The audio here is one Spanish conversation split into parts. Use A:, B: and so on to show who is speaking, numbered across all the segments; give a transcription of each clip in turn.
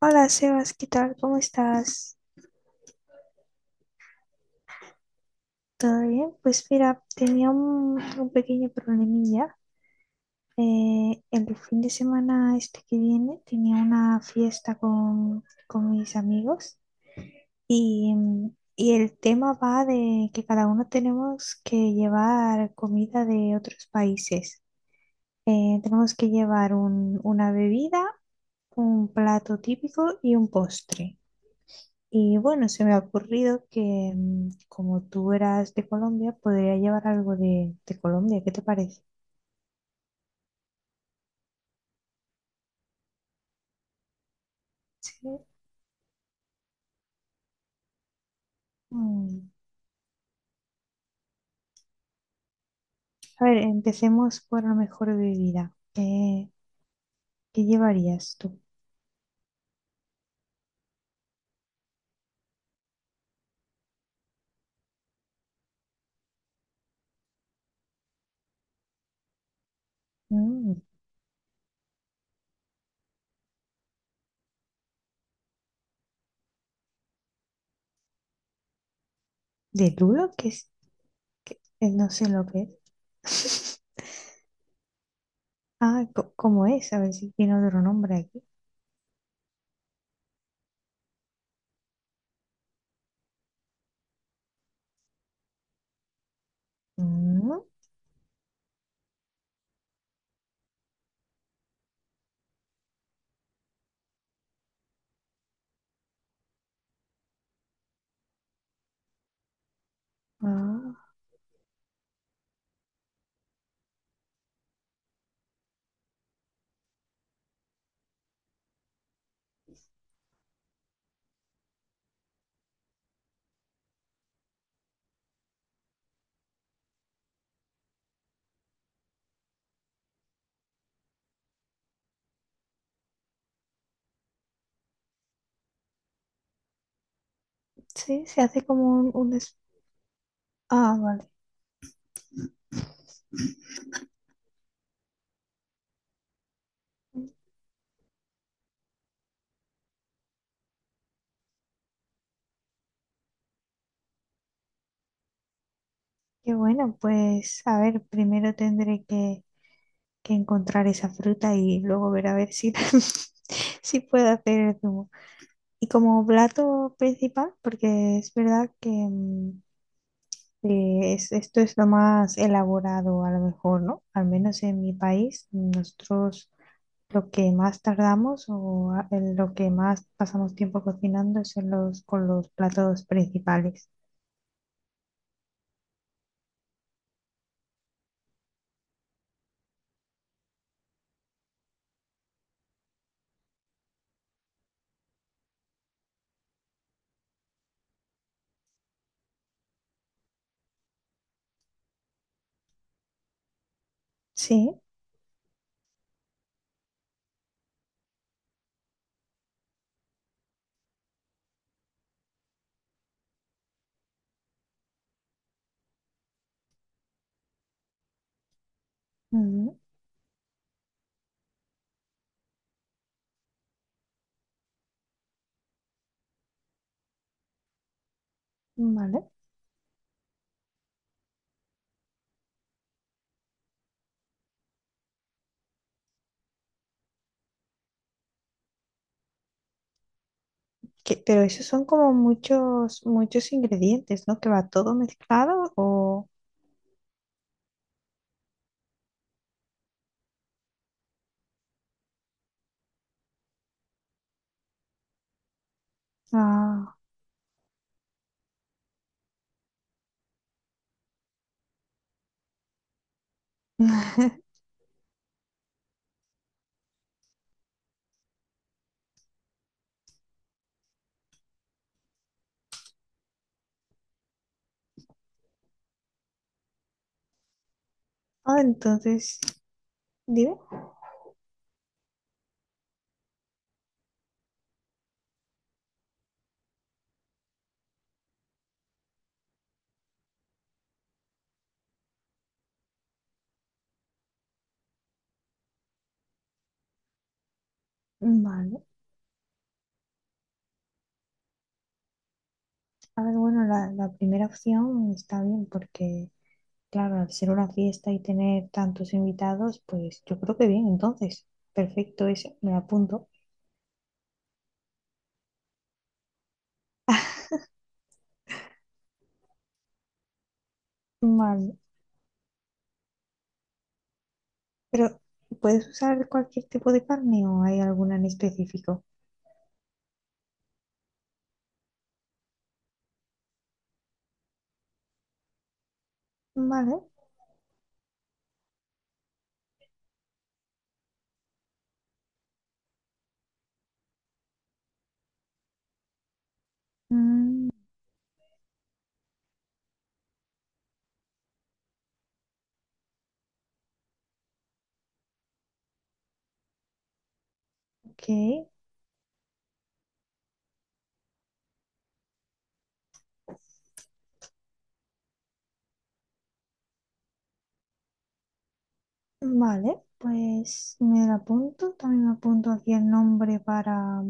A: Hola Sebas, ¿qué tal? ¿Cómo estás? ¿Todo bien? Pues mira, tenía un pequeño problemilla. El fin de semana este que viene tenía una fiesta con mis amigos y y el tema va de que cada uno tenemos que llevar comida de otros países. Tenemos que llevar una bebida, un plato típico y un postre. Y bueno, se me ha ocurrido que como tú eras de Colombia, podría llevar algo de Colombia. ¿Qué te parece? Sí. Mm. A ver, empecemos por la mejor bebida. ¿Qué llevarías tú? Mm. ¿De Lulo? ¿Qué es? ¿ No sé lo que es. Ah, ¿cómo es? A ver si tiene otro nombre aquí. Mm, ah, sí, se hace como un... Ah, vale. Mm, qué bueno, pues a ver, primero tendré que encontrar esa fruta y luego ver a ver si, si puedo hacer el zumo. Y como plato principal, porque es verdad que, mm, esto es lo más elaborado a lo mejor, ¿no? Al menos en mi país, nosotros lo que más tardamos en lo que más pasamos tiempo cocinando es en los, con los platos principales. Sí, ujú, vale. Que- pero esos son como muchos, muchos ingredientes, ¿no? Que va todo mezclado o... Ah, ah, entonces, dime. Vale. A ver, bueno, la primera opción está bien porque, claro, al ser una fiesta y tener tantos invitados, pues yo creo que bien, entonces, perfecto eso, me la apunto. Vale, pero ¿puedes usar cualquier tipo de carne o hay alguna en específico? Vale, mm, ok, vale, pues me la apunto, también me apunto aquí el nombre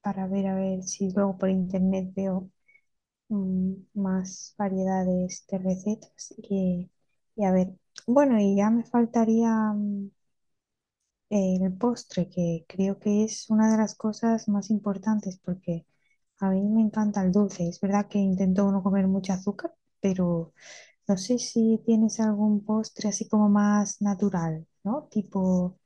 A: para ver, a ver si luego por internet veo mm, más variedades de, este, recetas y a ver, bueno, y ya me faltaría mm, el postre, que creo que es una de las cosas más importantes porque a mí me encanta el dulce. Es verdad que intento no comer mucho azúcar, pero no sé si tienes algún postre así como más natural, ¿no? Tipo,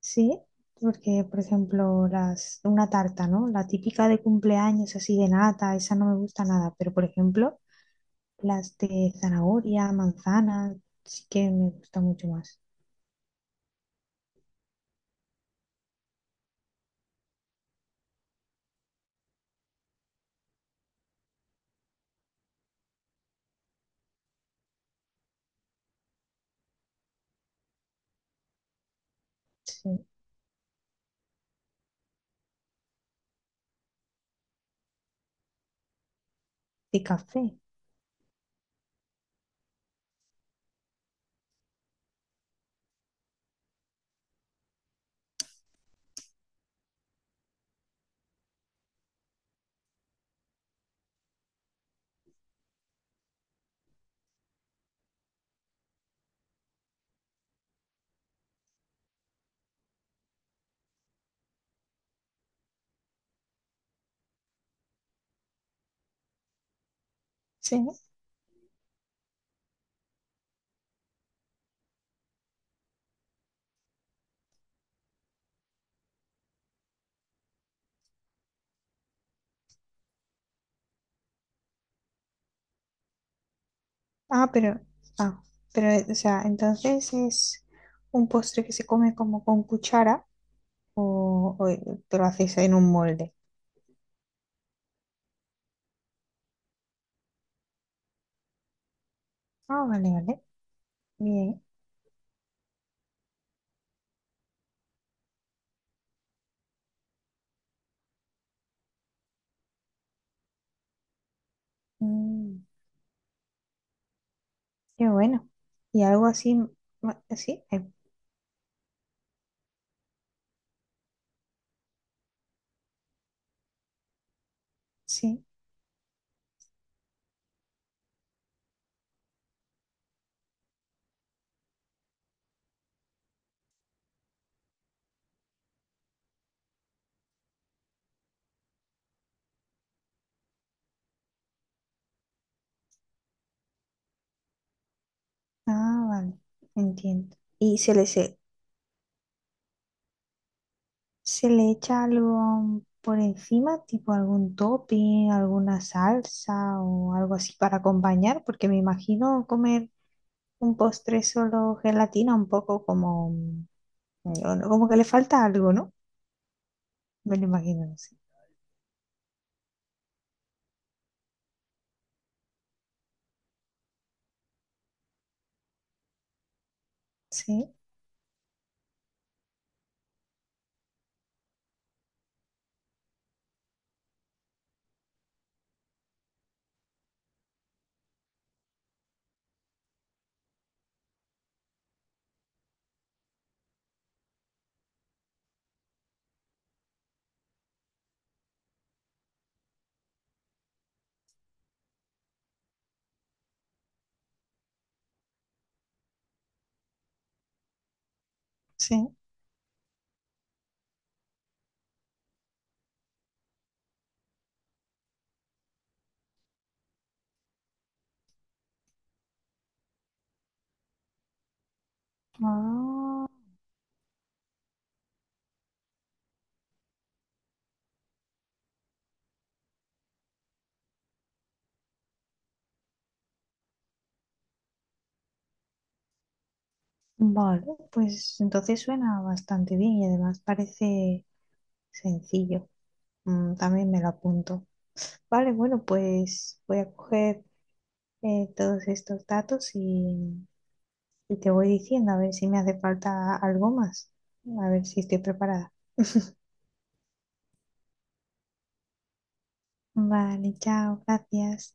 A: sí. Porque, por ejemplo, las, una tarta, ¿no? La típica de cumpleaños así de nata, esa no me gusta nada. Pero, por ejemplo, las de zanahoria, manzana, sí que me gusta mucho más. Sí. De café, sí. Ah, pero, ah, pero, o sea, entonces es un postre que se come como con cuchara o te lo haces en un molde. Ah, vale, vale. Bien. Mm, qué bueno. Y algo así, sí, sí. Ah, vale. Entiendo. ¿Se le echa algo por encima, tipo algún topping, alguna salsa o algo así para acompañar? Porque me imagino comer un postre solo gelatina un poco como, no, no, como que le falta algo, ¿no? Me lo imagino así. Sí, sí. Ah, vale, pues entonces suena bastante bien y además parece sencillo. Mm, también me lo apunto. Vale, bueno, pues voy a coger todos estos datos y te voy diciendo a ver si me hace falta algo más. A ver si estoy preparada. Vale, chao, gracias.